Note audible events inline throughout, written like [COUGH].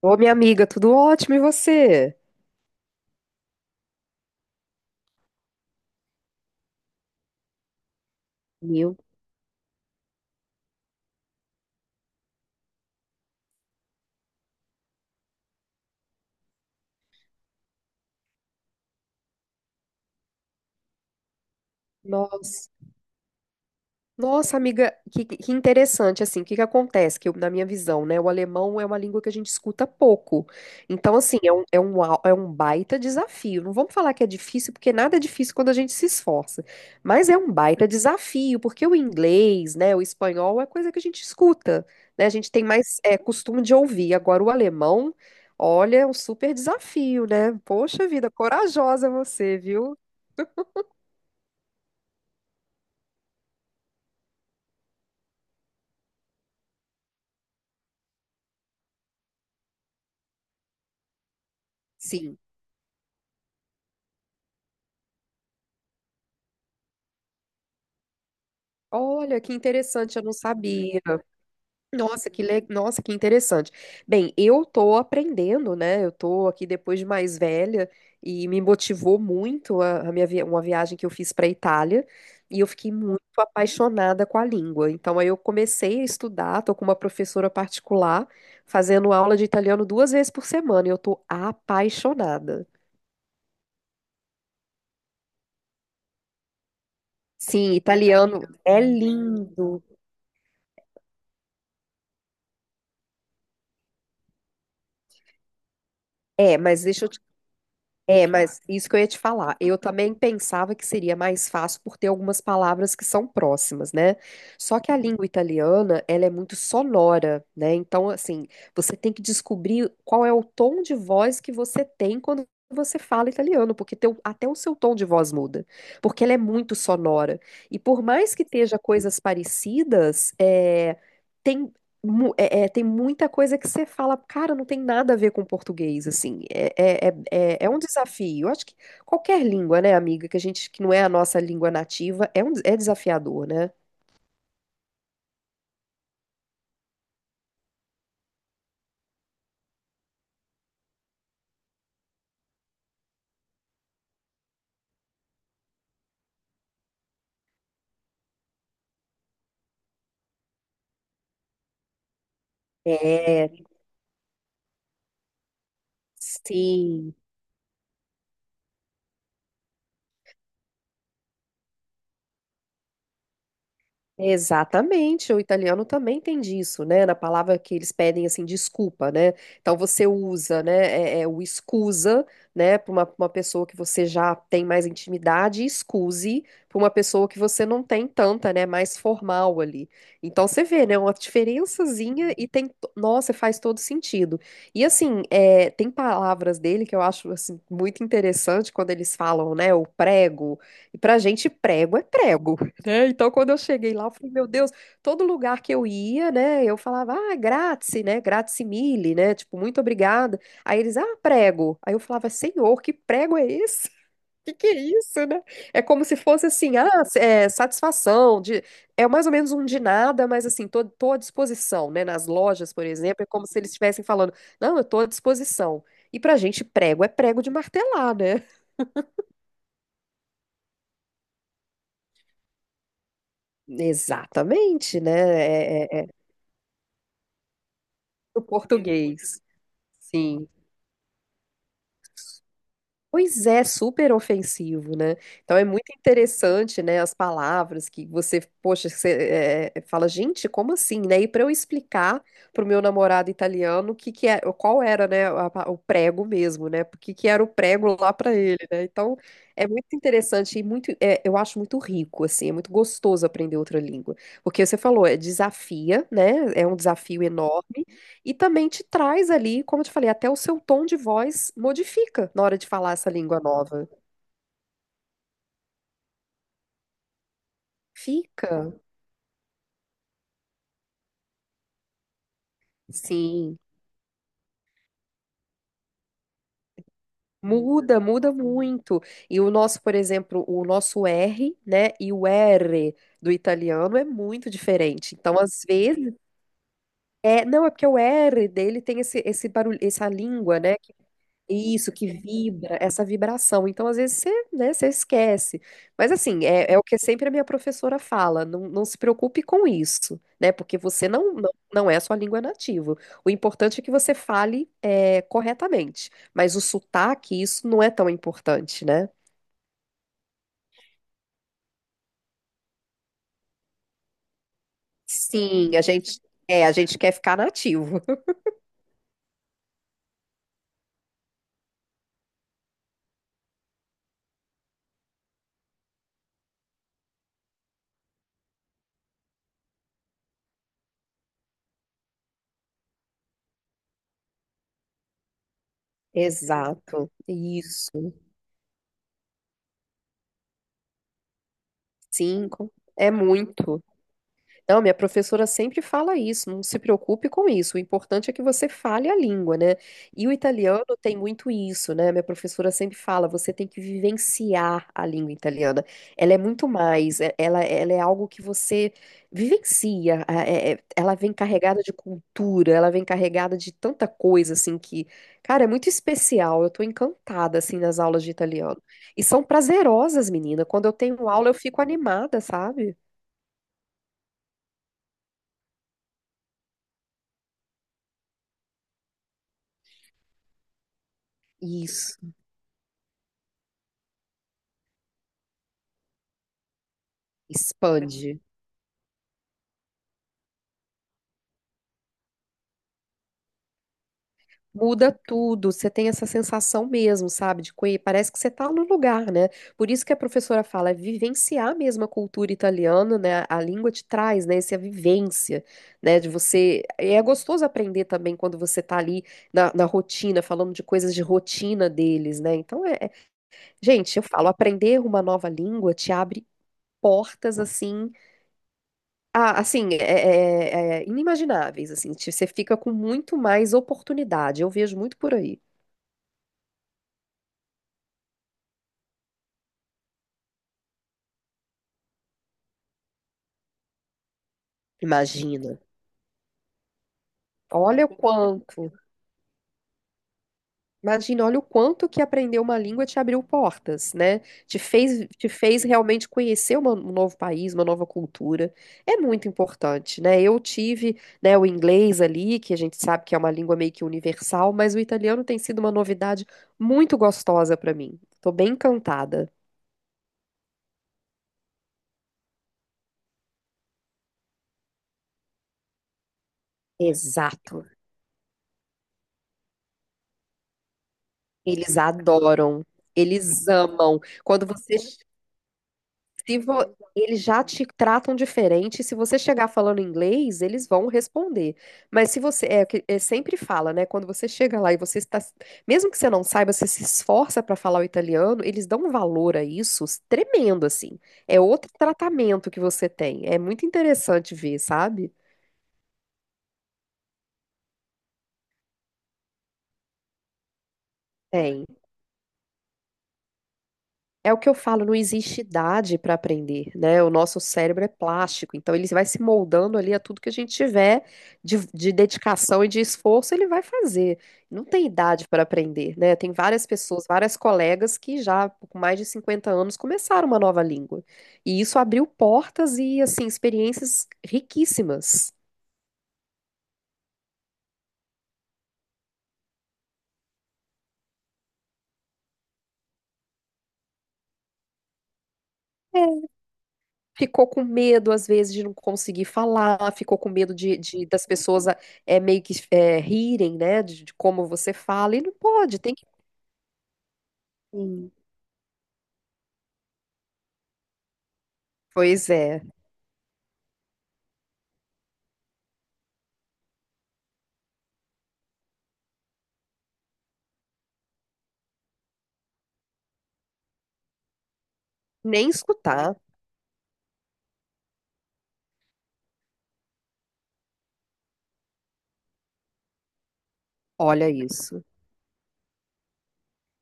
Ô, minha amiga, tudo ótimo, e você? Meu, nossa. Nossa, amiga, que interessante, assim, o que que acontece? Na minha visão, né, o alemão é uma língua que a gente escuta pouco. Então, assim, é um baita desafio. Não vamos falar que é difícil, porque nada é difícil quando a gente se esforça. Mas é um baita desafio, porque o inglês, né, o espanhol é coisa que a gente escuta, né? A gente tem mais, costume de ouvir. Agora, o alemão, olha, é um super desafio, né? Poxa vida, corajosa você, viu? Sim. Olha, que interessante, eu não sabia. Nossa, nossa, que interessante. Bem, eu tô aprendendo, né? Eu tô aqui depois de mais velha e me motivou muito uma viagem que eu fiz para Itália e eu fiquei muito apaixonada com a língua. Então aí eu comecei a estudar, tô com uma professora particular fazendo aula de italiano duas vezes por semana e eu tô apaixonada. Sim, italiano é lindo. É, mas deixa eu te É, mas isso que eu ia te falar. Eu também pensava que seria mais fácil por ter algumas palavras que são próximas, né? Só que a língua italiana, ela é muito sonora, né? Então, assim, você tem que descobrir qual é o tom de voz que você tem quando você fala italiano, porque até o seu tom de voz muda, porque ela é muito sonora. E por mais que esteja coisas parecidas, é, tem mu- é- é, tem muita coisa que você fala, cara, não tem nada a ver com português, assim. É, é, é um desafio. Eu acho que qualquer língua, né, amiga, que não é a nossa língua nativa, é desafiador, né? É, sim. Exatamente, o italiano também tem disso, né? Na palavra que eles pedem assim, desculpa, né? Então você usa, né, é o escusa, né, para pra uma pessoa que você já tem mais intimidade, e excuse para uma pessoa que você não tem tanta, né, mais formal ali. Então você vê, né, uma diferençazinha e nossa, faz todo sentido. E assim, tem palavras dele que eu acho assim muito interessante quando eles falam, né, o prego. E pra gente prego é prego, né? Então, quando eu cheguei lá, eu falei, meu Deus, todo lugar que eu ia, né? Eu falava, ah, grazie, né? Grazie mille, né? Tipo, muito obrigada. Aí eles, ah, prego. Aí eu falava, senhor, que prego é esse? [LAUGHS] Que é isso, né? É como se fosse assim, satisfação, de, é mais ou menos um de nada, mas assim, tô à disposição, né? Nas lojas, por exemplo, é como se eles estivessem falando, não, eu tô à disposição. E pra gente, prego é prego de martelar, né? [LAUGHS] Exatamente, né? É do português. Sim. Pois é, super ofensivo, né? Então é muito interessante, né, as palavras que você, poxa, você, fala, gente, como assim, né? E para eu explicar pro meu namorado italiano o que que é, qual era, né, o prego mesmo, né? Porque que era o prego lá para ele, né? Então é muito interessante e muito, eu acho muito rico, assim, é muito gostoso aprender outra língua, porque você falou, né? É um desafio enorme. E também te traz ali, como eu te falei, até o seu tom de voz modifica na hora de falar essa língua nova. Fica, sim. Muda, muda muito. E o nosso, por exemplo, o nosso R, né, e o R do italiano é muito diferente. Então, às vezes, não, é porque o R dele tem esse barulho, essa língua, né? Isso, que vibra, essa vibração. Então, às vezes, você esquece. Mas, assim, é o que sempre a minha professora fala: não, não se preocupe com isso, né? Porque você não é a sua língua nativa. O importante é que você fale, corretamente. Mas o sotaque, isso não é tão importante, né? Sim, a gente quer ficar nativo. Exato. Isso. Sim, é muito. Não, minha professora sempre fala isso, não se preocupe com isso. O importante é que você fale a língua, né? E o italiano tem muito isso, né? Minha professora sempre fala, você tem que vivenciar a língua italiana. Ela é muito mais, ela é algo que você vivencia. Ela vem carregada de cultura, ela vem carregada de tanta coisa, assim, que, cara, é muito especial. Eu tô encantada, assim, nas aulas de italiano. E são prazerosas, menina. Quando eu tenho aula, eu fico animada, sabe? Isso. Expande. Muda tudo. Você tem essa sensação mesmo, sabe? Parece que você está no lugar, né? Por isso que a professora fala, é vivenciar mesmo a cultura italiana, né? A língua te traz, né? Essa vivência, né? De você. E é gostoso aprender também quando você tá ali na rotina, falando de coisas de rotina deles, né? Então, gente, eu falo, aprender uma nova língua te abre portas assim. Ah, assim, é inimagináveis, assim, você fica com muito mais oportunidade, eu vejo muito por aí. Imagina, olha o quanto, imagina, olha o quanto que aprender uma língua te abriu portas, né? Te fez realmente conhecer um novo país, uma nova cultura, é muito importante, né? Eu tive, né, o inglês ali, que a gente sabe que é uma língua meio que universal, mas o italiano tem sido uma novidade muito gostosa para mim, tô bem encantada. Exato. Eles adoram, eles amam. Quando você, se vo- eles já te tratam diferente, se você chegar falando inglês, eles vão responder. Mas se você, sempre fala, né? Quando você chega lá e você está, mesmo que você não saiba, você se esforça para falar o italiano, eles dão um valor a isso tremendo, assim. É outro tratamento que você tem. É muito interessante ver, sabe? Tem. É o que eu falo, não existe idade para aprender, né? O nosso cérebro é plástico, então ele vai se moldando ali a tudo que a gente tiver de dedicação e de esforço, ele vai fazer. Não tem idade para aprender, né? Tem várias pessoas, várias colegas que já com mais de 50 anos começaram uma nova língua. E isso abriu portas e, assim, experiências riquíssimas. Ficou com medo, às vezes, de não conseguir falar, ficou com medo das pessoas, meio que rirem, né, de como você fala, e não pode, tem que. Sim. Pois é, nem escutar, olha isso.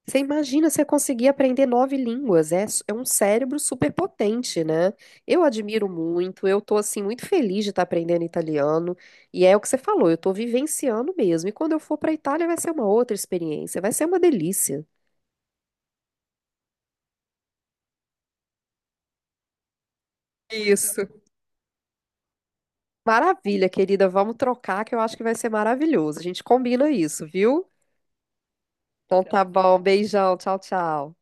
Você imagina você conseguir aprender nove línguas, é um cérebro super potente, né? Eu admiro muito, eu tô, assim, muito feliz de estar aprendendo italiano, e é o que você falou, eu tô vivenciando mesmo, e quando eu for para Itália vai ser uma outra experiência, vai ser uma delícia. Isso. Maravilha, querida. Vamos trocar que eu acho que vai ser maravilhoso. A gente combina isso, viu? Então tá bom. Beijão. Tchau, tchau.